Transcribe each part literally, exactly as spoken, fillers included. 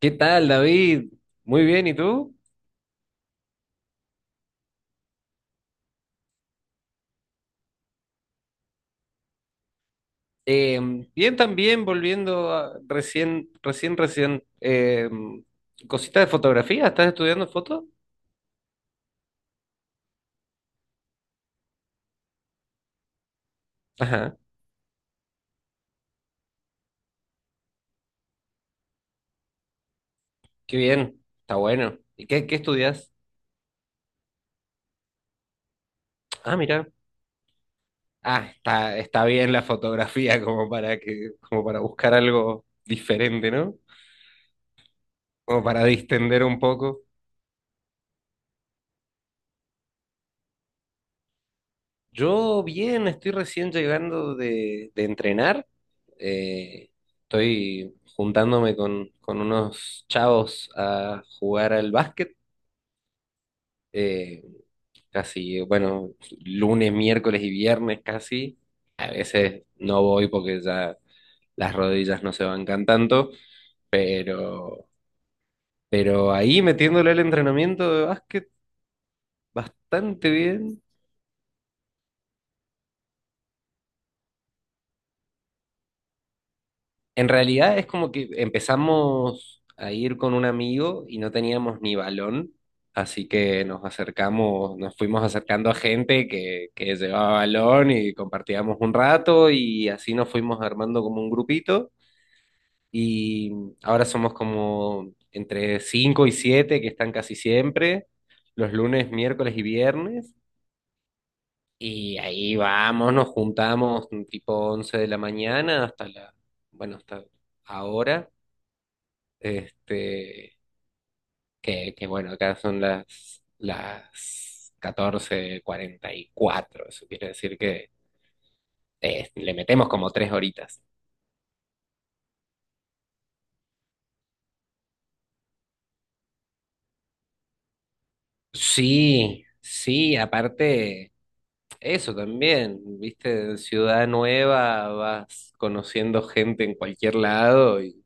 ¿Qué tal, David? Muy bien, ¿y tú? Eh, bien también, volviendo a- recién, recién, recién, eh, cosita de fotografía, ¿estás estudiando foto? Ajá, qué bien, está bueno. ¿Y qué, qué estudias? Ah, mira. Ah, está, está bien la fotografía como para que, como para buscar algo diferente, ¿no? Como para distender un poco. Yo bien, estoy recién llegando de, de entrenar. Eh, estoy juntándome con, con unos chavos a jugar al básquet. eh, casi, bueno, lunes, miércoles y viernes casi. A veces no voy porque ya las rodillas no se bancan tanto, pero, pero ahí metiéndole el entrenamiento de básquet bastante bien. En realidad es como que empezamos a ir con un amigo y no teníamos ni balón, así que nos acercamos, nos fuimos acercando a gente que, que llevaba balón y compartíamos un rato y así nos fuimos armando como un grupito y ahora somos como entre cinco y siete que están casi siempre, los lunes, miércoles y viernes, y ahí vamos, nos juntamos tipo once de la mañana hasta la, bueno, hasta ahora, este, que, que bueno, acá son las, las catorce cuarenta y cuatro, eso quiere decir que eh, le metemos como tres horitas. Sí, sí, aparte, eso también, viste, ciudad nueva, vas conociendo gente en cualquier lado y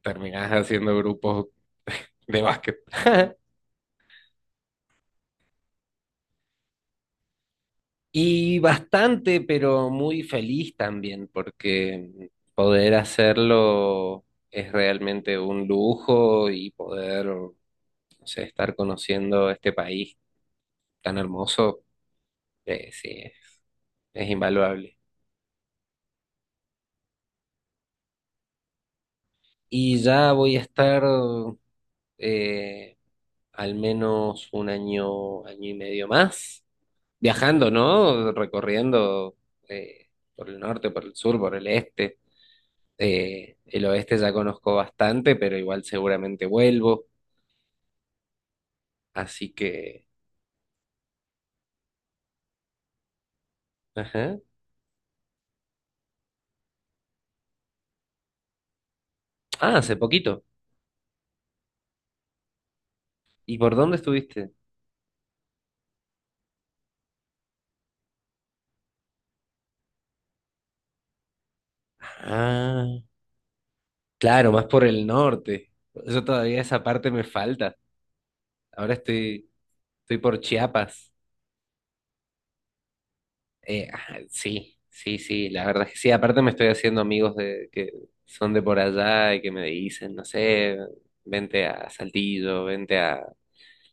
terminás haciendo grupos de básquet. Y bastante, pero muy feliz también, porque poder hacerlo es realmente un lujo y poder, no sé, estar conociendo este país tan hermoso, eh, sí, es, es invaluable. Y ya voy a estar, eh, al menos un año, año y medio más, viajando, ¿no? Recorriendo eh, por el norte, por el sur, por el este. Eh, el oeste ya conozco bastante, pero igual seguramente vuelvo. Así que... Ajá. Ah, hace poquito. ¿Y por dónde estuviste? Ah, claro, más por el norte. Yo todavía esa parte me falta. Ahora estoy, estoy por Chiapas. Eh, ah, sí, sí, sí, la verdad es que sí. Aparte me estoy haciendo amigos de que son de por allá y que me dicen, no sé, vente a Saltillo, vente a...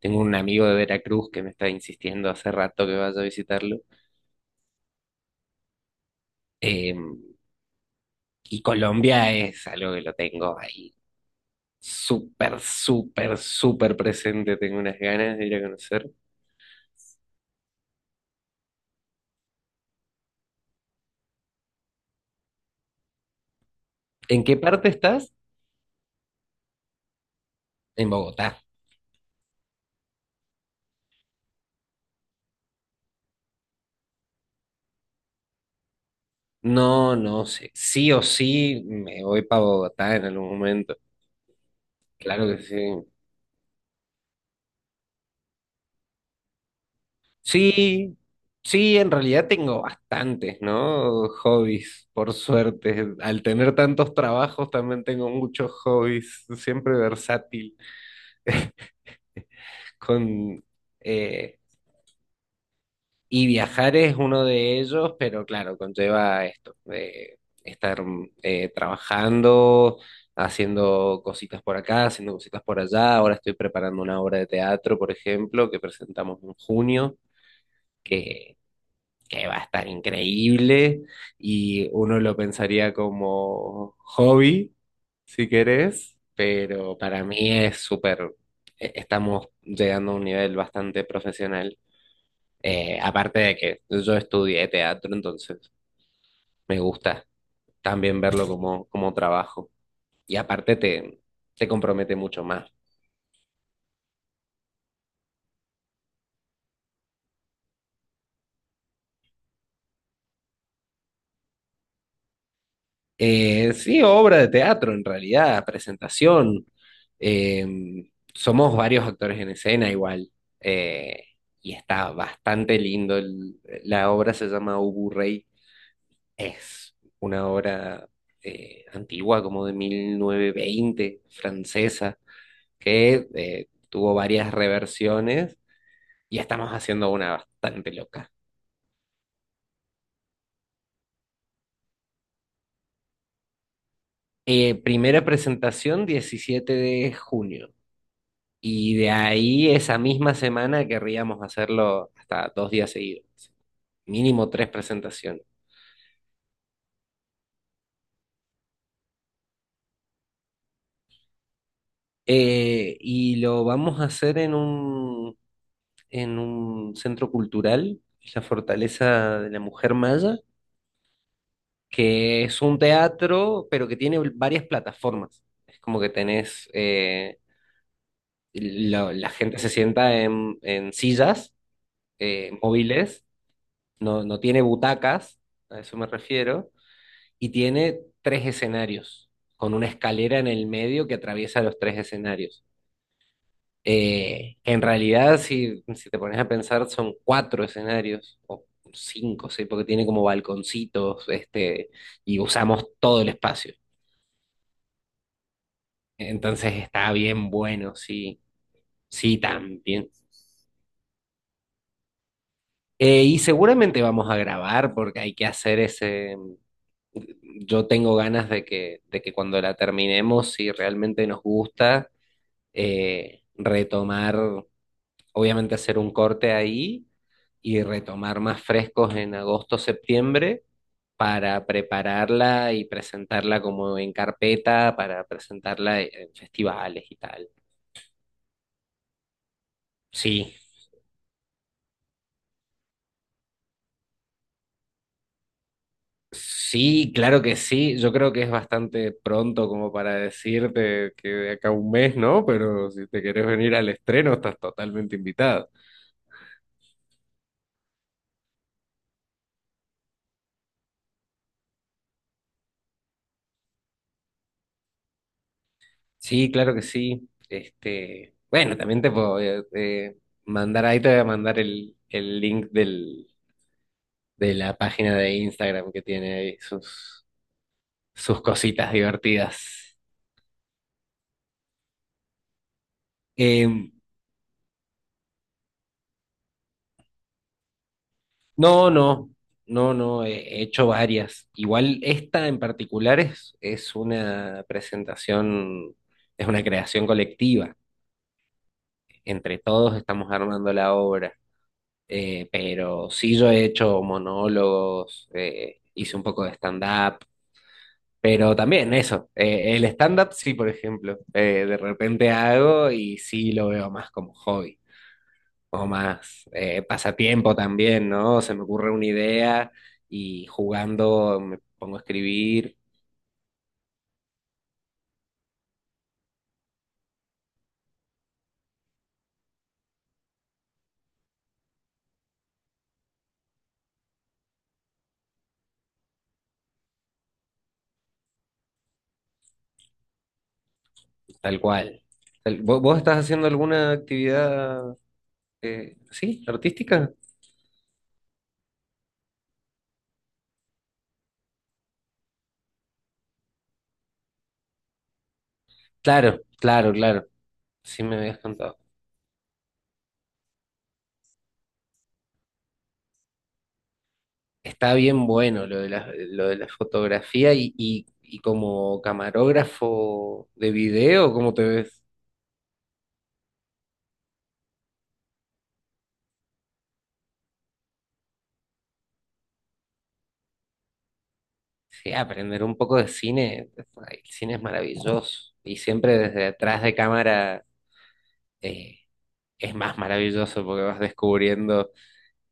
Tengo un amigo de Veracruz que me está insistiendo hace rato que vaya a visitarlo. Eh, y Colombia es algo que lo tengo ahí súper, súper, súper presente. Tengo unas ganas de ir a conocer. ¿En qué parte estás? En Bogotá. No, no sé. Sí o sí me voy para Bogotá en algún momento. Claro que sí. Sí, sí, en realidad tengo bastantes, ¿no? Hobbies, por suerte. Al tener tantos trabajos también tengo muchos hobbies, siempre versátil, con eh, y viajar es uno de ellos, pero claro, conlleva esto, de estar mm, eh, trabajando, haciendo cositas por acá, haciendo cositas por allá. Ahora estoy preparando una obra de teatro, por ejemplo, que presentamos en junio, que, que va a estar increíble, y uno lo pensaría como hobby, si querés, pero para mí es súper, e- estamos llegando a un nivel bastante profesional. Eh, aparte de que yo estudié teatro, entonces me gusta también verlo como, como trabajo. Y aparte te, te compromete mucho más. Eh, sí, obra de teatro en realidad, presentación. Eh, somos varios actores en escena igual. eh, y está bastante lindo. El- la obra se llama Ubu Rey. Es una obra eh, antigua, como de mil novecientos veinte, francesa, que eh, tuvo varias reversiones y estamos haciendo una bastante loca. Eh, primera presentación, diecisiete de junio, y de ahí esa misma semana querríamos hacerlo hasta dos días seguidos, mínimo tres presentaciones. Eh, y lo vamos a hacer en un, en un centro cultural, la Fortaleza de la Mujer Maya, que es un teatro, pero que tiene varias plataformas. Es como que tenés, eh, lo- la gente se sienta en, en sillas eh, móviles, no, no tiene butacas, a eso me refiero, y tiene tres escenarios, con una escalera en el medio que atraviesa los tres escenarios. Eh, en realidad, si, si te pones a pensar, son cuatro escenarios, o cinco, sí, porque tiene como balconcitos, este, y usamos todo el espacio. Entonces está bien bueno, sí, sí, también. Eh, y seguramente vamos a grabar porque hay que hacer ese... Yo tengo ganas de que, de que cuando la terminemos, si realmente nos gusta, eh, retomar, obviamente hacer un corte ahí y retomar más frescos en agosto, septiembre, para prepararla y presentarla como en carpeta, para presentarla en festivales y tal. Sí, sí, claro que sí. Yo creo que es bastante pronto como para decirte que de acá a un mes, ¿no? Pero si te querés venir al estreno, estás totalmente invitada. Sí, claro que sí. Este, bueno, también te puedo, eh, eh, mandar ahí, te voy a mandar el, el link del, de la página de Instagram que tiene ahí sus, sus, cositas divertidas. Em, No, no, no, no, he hecho varias. Igual esta en particular es, es una presentación, es una creación colectiva. Entre todos estamos armando la obra. Eh, pero sí yo he hecho monólogos, eh, hice un poco de stand-up, pero también eso, eh, el stand-up sí, por ejemplo, eh, de repente hago y sí lo veo más como hobby, o más eh, pasatiempo también, ¿no? Se me ocurre una idea y jugando me pongo a escribir, tal cual. Tal- ¿vo- ¿Vos estás haciendo alguna actividad, eh, sí, artística? Claro, claro, claro, sí me habías contado. Está bien bueno lo de la, lo de la fotografía y, y, y como camarógrafo de video, ¿cómo te ves? Sí, aprender un poco de cine, ay, el cine es maravilloso y siempre desde atrás de cámara. eh, es más maravilloso porque vas descubriendo,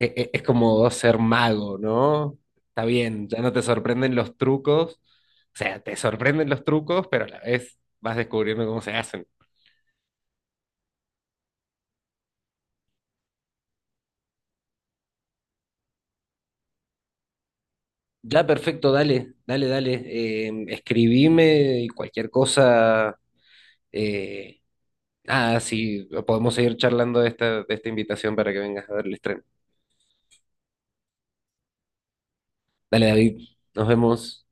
e- e- es, como ser mago, ¿no? Está bien, ya no te sorprenden los trucos, o sea, te sorprenden los trucos, pero a la vez vas descubriendo cómo se hacen. Ya, perfecto, dale, dale, dale, eh, escribime y cualquier cosa, eh, nada, sí, podemos seguir charlando de esta, de esta invitación para que vengas a ver el estreno. Dale, David, nos vemos.